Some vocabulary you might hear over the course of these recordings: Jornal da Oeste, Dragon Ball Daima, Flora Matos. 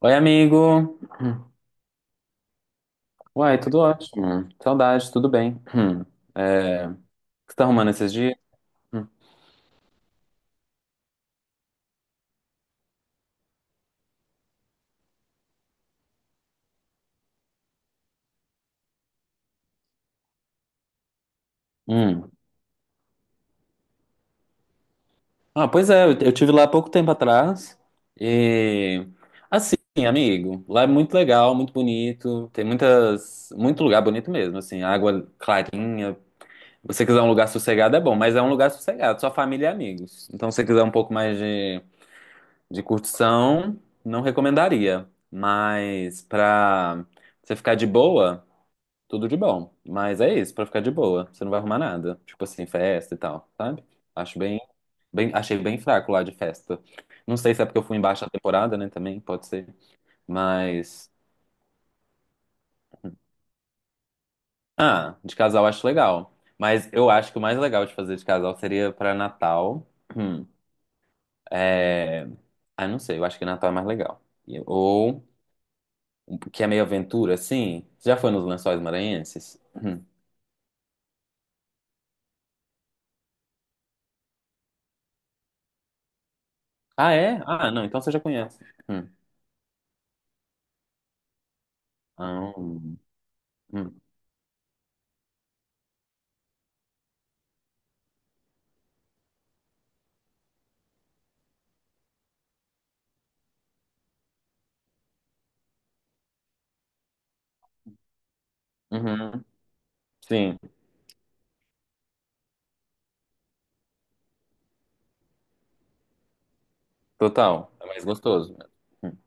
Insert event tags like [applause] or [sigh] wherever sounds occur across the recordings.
Oi, amigo. Hum. Uai, tudo ótimo. Saudade, tudo bem. Hum. É, o que você tá arrumando esses dias? Hum. Hum. Ah, pois é, eu tive lá há pouco tempo atrás. E assim, amigo, lá é muito legal, muito bonito. Tem muito lugar bonito mesmo, assim, água clarinha. Se você quiser um lugar sossegado é bom, mas é um lugar sossegado, só família e amigos. Então, se você quiser um pouco mais de curtição, não recomendaria. Mas pra você ficar de boa. Tudo de bom. Mas é isso, pra ficar de boa. Você não vai arrumar nada. Tipo assim, festa e tal, sabe? Acho bem, Achei bem fraco lá de festa. Não sei se é porque eu fui em baixa temporada, né? Também pode ser. Mas. Ah, de casal acho legal. Mas eu acho que o mais legal de fazer de casal seria pra Natal. Hum. É... Ah, não sei, eu acho que Natal é mais legal. Ou um, que é meio aventura, assim. Você já foi nos Lençóis Maranhenses? Hum. Ah, é? Ah, não, então você já conhece. Hum. Ah. Hum. Uhum. Sim, total. É mais gostoso mesmo. Hum.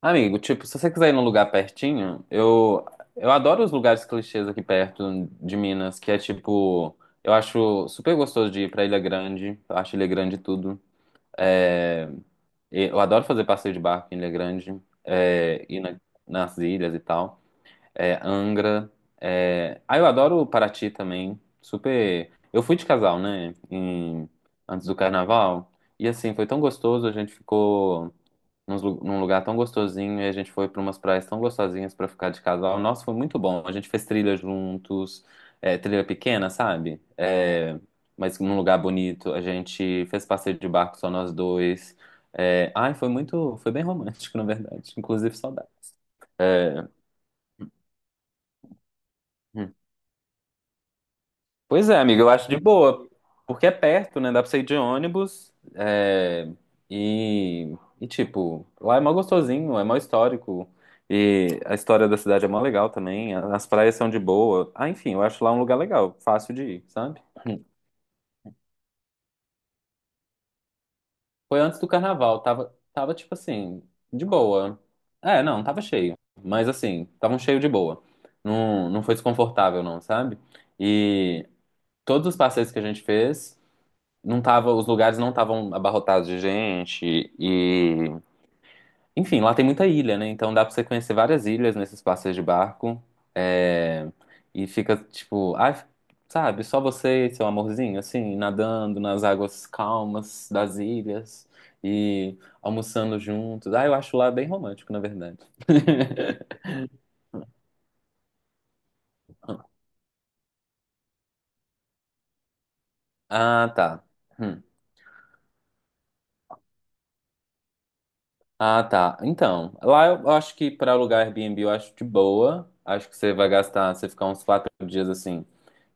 Amigo, tipo, se você quiser ir num lugar pertinho, eu adoro os lugares clichês aqui perto de Minas, que é tipo, eu acho super gostoso de ir pra Ilha Grande, eu acho Ilha Grande tudo. É, eu adoro fazer passeio de barco em Ilha Grande, é, ir nas ilhas e tal. É, Angra. É... Ah, eu adoro Paraty também. Super. Eu fui de casal, né? Antes do carnaval. E assim, foi tão gostoso. A gente ficou num lugar tão gostosinho. E a gente foi para umas praias tão gostosinhas para ficar de casal. Nossa, foi muito bom. A gente fez trilha juntos. É, trilha pequena, sabe? É, mas num lugar bonito. A gente fez passeio de barco só nós dois. É, ai, foi muito. Foi bem romântico, [laughs] na verdade. Inclusive, saudade. É, hum. Pois é, amiga, eu acho de boa, porque é perto, né? Dá pra você ir de ônibus é, e, tipo, lá é mó gostosinho, é mó histórico. E a história da cidade é mó legal também, as praias são de boa. Ah, enfim, eu acho lá um lugar legal, fácil de ir, sabe? [clears throat] Foi antes do carnaval, tava tipo assim, de boa. É, não, tava cheio, mas assim, tava um cheio de boa. Não, não foi desconfortável, não, sabe? E todos os passeios que a gente fez, não tava, os lugares não estavam abarrotados de gente e, enfim, lá tem muita ilha, né? Então dá pra você conhecer várias ilhas nesses passeios de barco é, e fica tipo, ai, sabe, só você, e seu amorzinho, assim, nadando nas águas calmas das ilhas e almoçando juntos. Ah, eu acho lá bem romântico, na verdade. [laughs] Ah, tá. Hum. Ah, tá. Então, lá eu acho que para alugar Airbnb eu acho de boa. Acho que você vai gastar, você ficar uns 4 dias assim,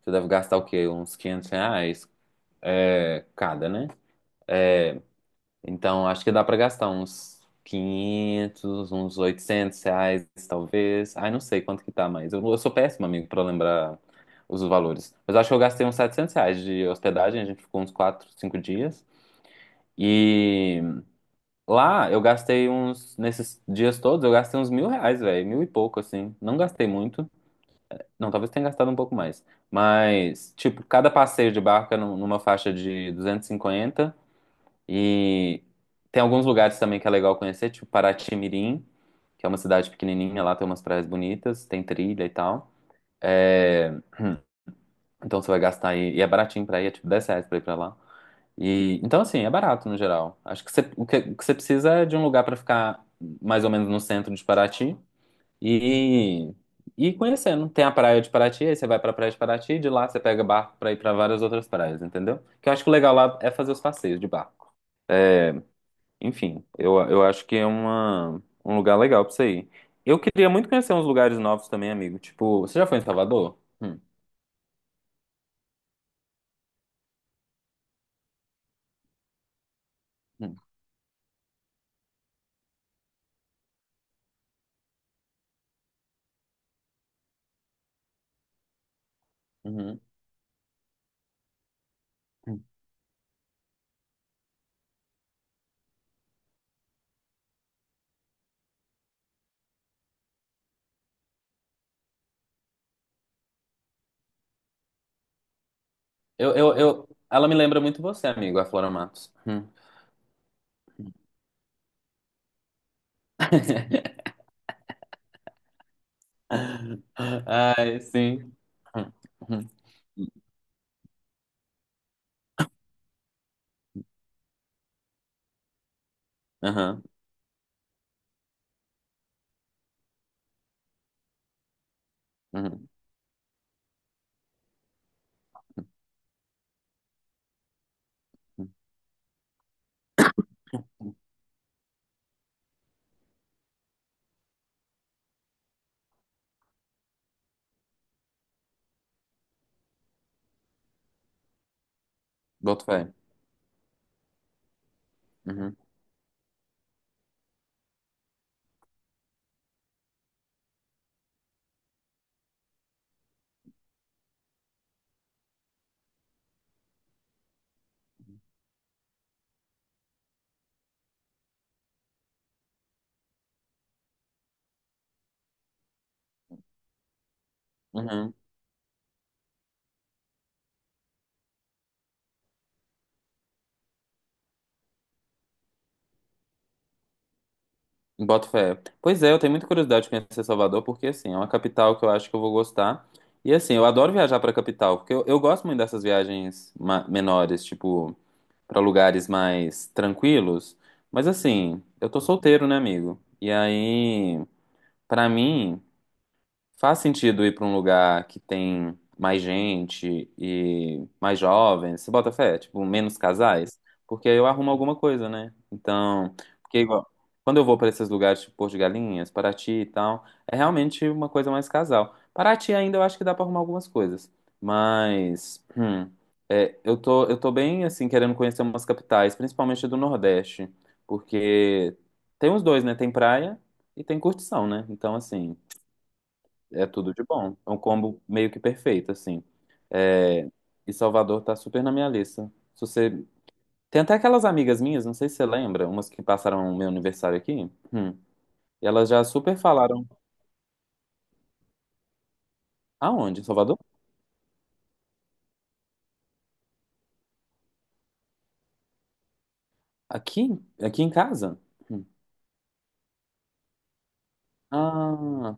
você deve gastar o quê? Uns 500 reais é, cada, né? É, então, acho que dá para gastar uns 500, uns 800 reais, talvez. Ai, não sei quanto que tá, mas eu sou péssimo, amigo, para lembrar os valores. Mas acho que eu gastei uns 700 reais de hospedagem, a gente ficou uns 4, 5 dias. E lá eu gastei uns, nesses dias todos, eu gastei uns 1.000 reais, velho, mil e pouco, assim. Não gastei muito. Não, talvez tenha gastado um pouco mais. Mas, tipo, cada passeio de barco é numa faixa de 250 e tem alguns lugares também que é legal conhecer, tipo Paraty-Mirim, que é uma cidade pequenininha, lá tem umas praias bonitas, tem trilha e tal. É, então você vai gastar aí, e é baratinho pra ir, é tipo 10 reais pra ir pra lá. E, então, assim, é barato no geral. Acho que você, o que você precisa é de um lugar pra ficar mais ou menos no centro de Paraty e, e ir conhecendo. Tem a praia de Paraty, aí você vai pra praia de Paraty, e de lá você pega barco pra ir pra várias outras praias, entendeu? Que eu acho que o legal lá é fazer os passeios de barco. Enfim, eu acho que é uma, um lugar legal pra você ir. Eu queria muito conhecer uns lugares novos também, amigo. Tipo, você já foi em Salvador? Hum. Hum. Uhum. Hum. Ela me lembra muito você, amigo, a Flora Matos. Hum. [laughs] [laughs] Ai, sim. Aham. Uhum. Uhum. Boto fé. Uhum. Uhum. Boto fé. Pois é, eu tenho muita curiosidade de conhecer Salvador, porque assim, é uma capital que eu acho que eu vou gostar. E assim, eu adoro viajar pra capital, porque eu gosto muito dessas viagens menores, tipo, pra lugares mais tranquilos. Mas assim, eu tô solteiro, né, amigo? E aí, pra mim. Faz sentido ir para um lugar que tem mais gente e mais jovens, se bota fé, tipo, menos casais, porque aí eu arrumo alguma coisa, né? Então, porque igual, quando eu vou para esses lugares, tipo Porto de Galinhas, Paraty e tal, é realmente uma coisa mais casal. Paraty ainda eu acho que dá para arrumar algumas coisas, mas é, eu tô bem, assim, querendo conhecer umas capitais, principalmente do Nordeste, porque tem os dois, né? Tem praia e tem curtição, né? Então, assim. É tudo de bom. É um combo meio que perfeito, assim. É, e Salvador tá super na minha lista. Se você... Tem até aquelas amigas minhas, não sei se você lembra, umas que passaram o meu aniversário aqui. Hum. E elas já super falaram. Aonde? Em Salvador? Aqui? Aqui em casa? Hum. Ah,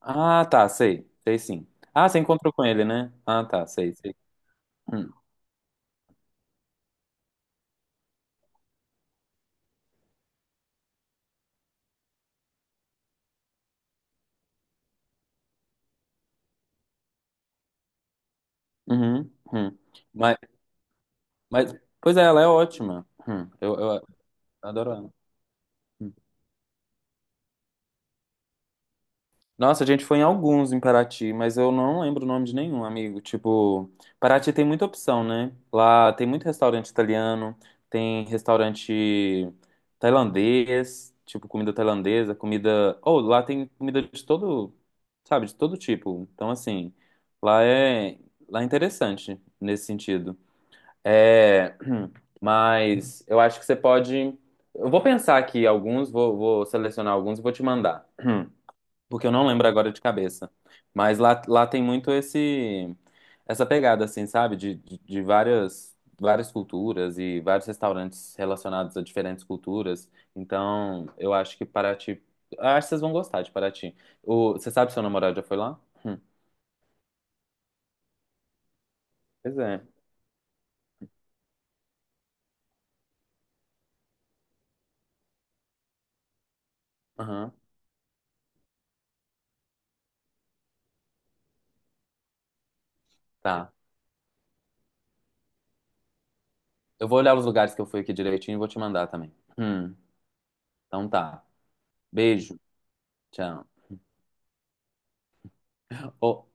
ah, tá, sei. Sei sim. Ah, você encontrou com ele, né? Ah, tá, sei, sei. Hum. Uhum. Hum. Mas, mas, pois é, ela é ótima. Hum. Eu adoro ela. Hum. Nossa, a gente foi em alguns em Paraty, mas eu não lembro o nome de nenhum, amigo. Tipo, Paraty tem muita opção, né? Lá tem muito restaurante italiano, tem restaurante tailandês, tipo comida tailandesa, comida. Ou lá tem comida de todo, sabe, de todo tipo. Então, assim, lá é, lá é interessante nesse sentido. É, [clears throat] mas eu acho que você pode. Eu vou pensar aqui alguns, vou selecionar alguns e vou te mandar. [clears throat] porque eu não lembro agora de cabeça. Mas lá, lá tem muito esse essa pegada, assim, sabe? De várias, várias culturas e vários restaurantes relacionados a diferentes culturas. Então, eu acho que Paraty. Eu acho que vocês vão gostar de Paraty. O, você sabe se seu namorado já foi lá? Hum, pois é. Aham, tá. Eu vou olhar os lugares que eu fui aqui direitinho e vou te mandar também. Hum, então tá. Beijo. Tchau. Ô,